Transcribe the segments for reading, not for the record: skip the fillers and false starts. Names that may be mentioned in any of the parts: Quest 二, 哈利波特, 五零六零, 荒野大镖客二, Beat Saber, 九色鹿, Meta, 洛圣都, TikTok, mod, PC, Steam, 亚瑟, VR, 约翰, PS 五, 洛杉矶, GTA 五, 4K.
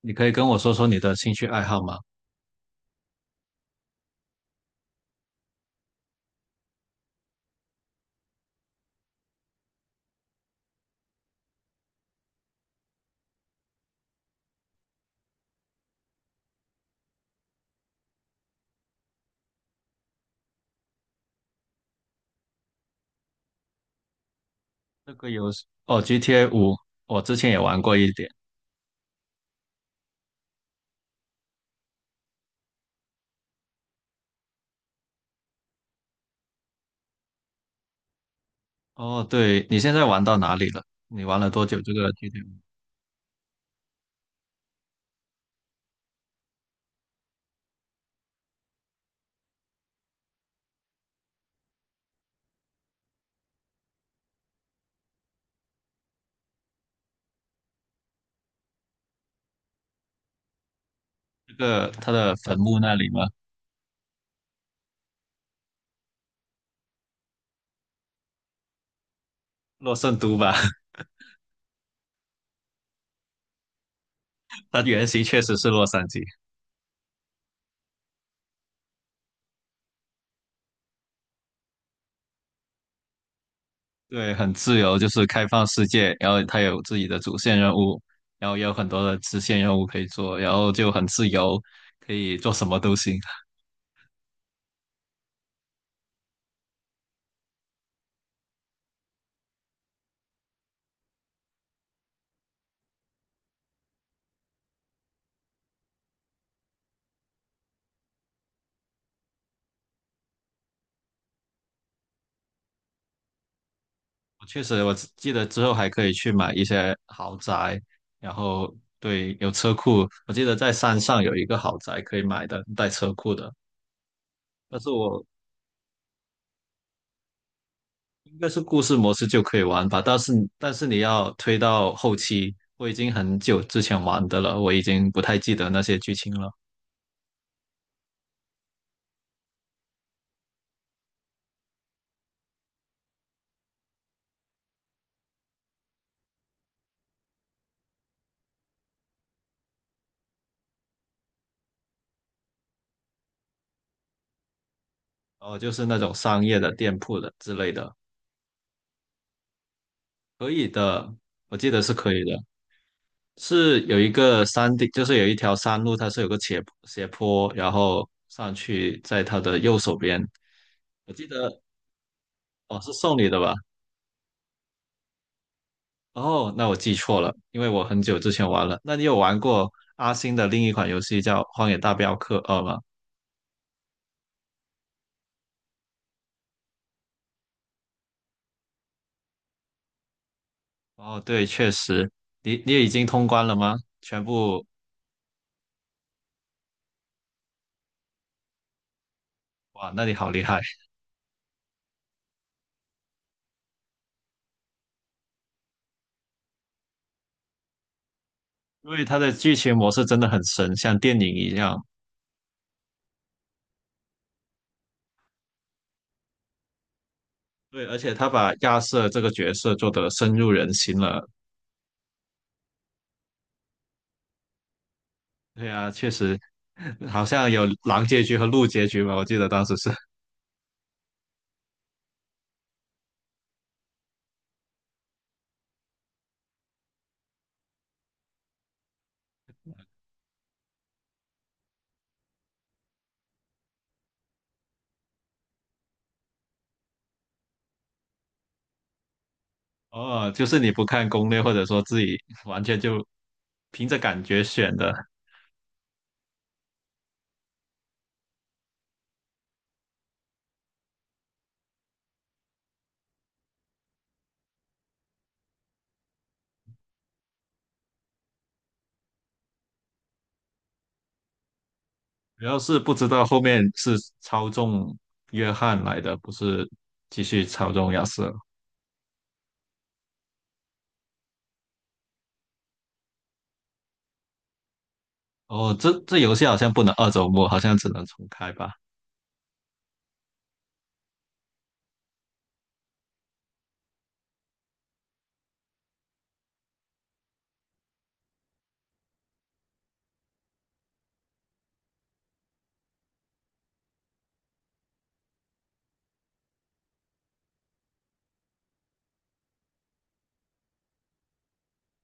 你可以跟我说说你的兴趣爱好吗？这个游戏哦，GTA 五，我之前也玩过一点。哦，对，你现在玩到哪里了？你玩了多久这个 GTA 五？这个它的坟墓那里吗？洛圣都吧，它原型确实是洛杉矶。对，很自由，就是开放世界，然后它有自己的主线任务，然后也有很多的支线任务可以做，然后就很自由，可以做什么都行。确实，我只记得之后还可以去买一些豪宅，然后对，有车库。我记得在山上有一个豪宅可以买的，带车库的。但是我应该是故事模式就可以玩吧，但是你要推到后期，我已经很久之前玩的了，我已经不太记得那些剧情了。哦，就是那种商业的店铺的之类的，可以的，我记得是可以的。是有一个山顶，就是有一条山路，它是有个斜坡，然后上去，在它的右手边。我记得哦，是送你的吧？哦，那我记错了，因为我很久之前玩了。那你有玩过阿星的另一款游戏叫《荒野大镖客二》吗？哦，对，确实，你也已经通关了吗？全部，哇，那你好厉害！因为它的剧情模式真的很神，像电影一样。对，而且他把亚瑟这个角色做得深入人心了，对啊，确实，好像有狼结局和鹿结局吧？我记得当时是，哦，就是你不看攻略，或者说自己完全就凭着感觉选的，主要是不知道后面是操纵约翰来的，不是继续操纵亚瑟。哦，这游戏好像不能二周末，好像只能重开吧。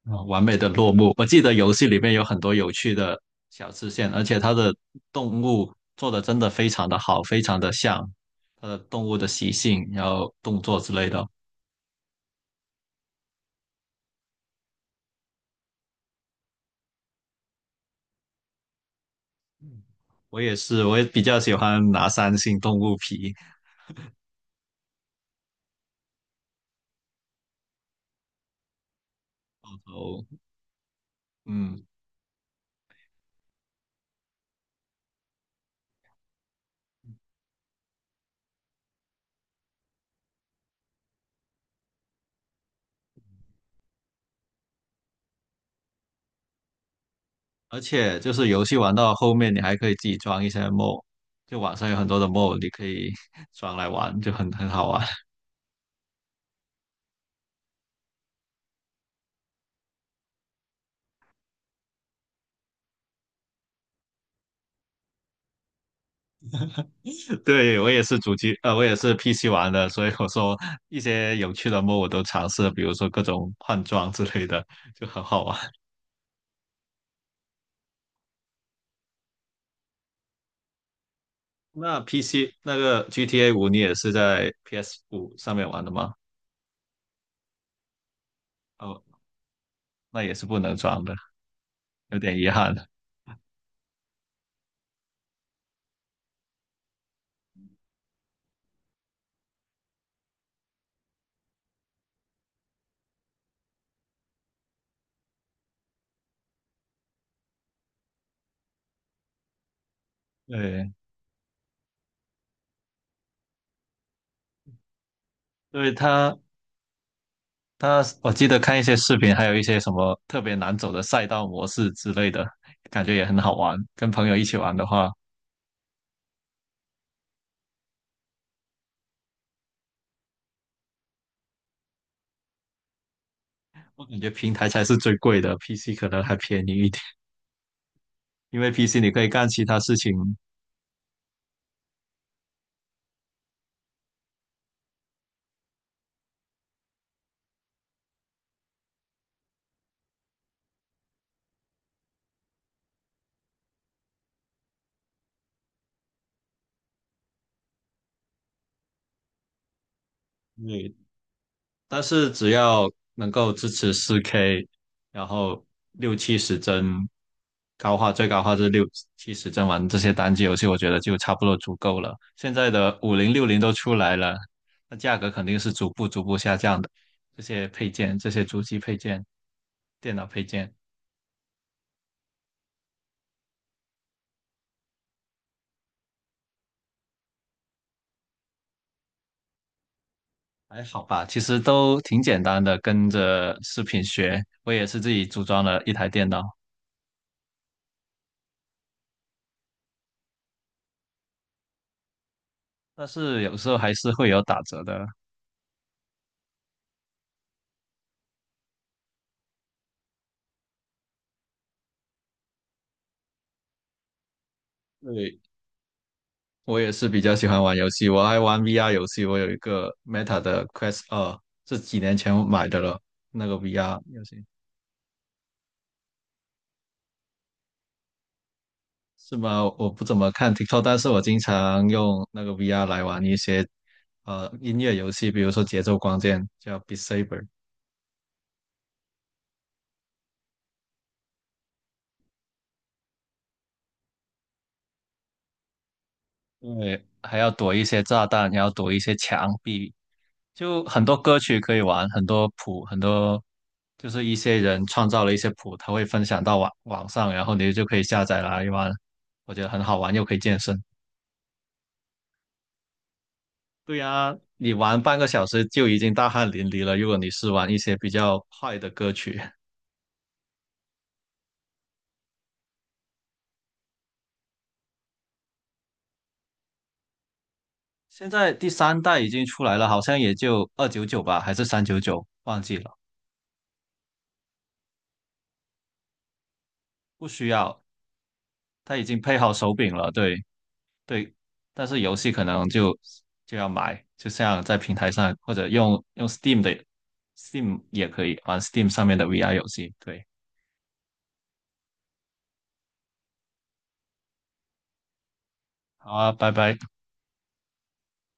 啊，完美的落幕。我记得游戏里面有很多有趣的小支线，而且它的动物做的真的非常的好，非常的像它的动物的习性，然后动作之类的。我也是，我也比较喜欢拿三星动物皮。然后，嗯，而且就是游戏玩到后面，你还可以自己装一些 mod，就网上有很多的 mod，你可以 装来玩，就很好玩。对，我也是主机，我也是 PC 玩的，所以我说一些有趣的 m o 我都尝试了比如说各种换装之类的，就很好玩。那 PC 那个 GTA 五，你也是在 PS5上面玩的吗？哦，那也是不能装的，有点遗憾。对，因为它，我记得看一些视频，还有一些什么特别难走的赛道模式之类的，感觉也很好玩。跟朋友一起玩的话，我感觉平台才是最贵的，PC 可能还便宜一点。因为 PC 你可以干其他事情，对，但是只要能够支持 4K，然后六七十帧高画，最高画质六七十帧玩这些单机游戏，我觉得就差不多足够了。现在的5060都出来了，那价格肯定是逐步逐步下降的。这些配件，这些主机配件、电脑配件还好吧，其实都挺简单的，跟着视频学，我也是自己组装了一台电脑。但是有时候还是会有打折的。对，我也是比较喜欢玩游戏，我爱玩 VR 游戏。我有一个 Meta 的 Quest 2，是几年前我买的了，那个 VR 游戏是吗？我不怎么看 TikTok，但是我经常用那个 VR 来玩一些音乐游戏，比如说节奏光剑叫 Beat Saber。因为还要躲一些炸弹，还要躲一些墙壁，就很多歌曲可以玩，很多谱，很多就是一些人创造了一些谱，他会分享到网上，然后你就可以下载来玩，我觉得很好玩，又可以健身。对呀，你玩半个小时就已经大汗淋漓了。如果你是玩一些比较快的歌曲，现在第三代已经出来了，好像也就299吧，还是399，忘记了，不需要，它已经配好手柄了，对。对，但是游戏可能就要买，就像在平台上或者用 Steam 的 Steam 也可以玩 Steam 上面的 VR 游戏。对，好啊，拜拜。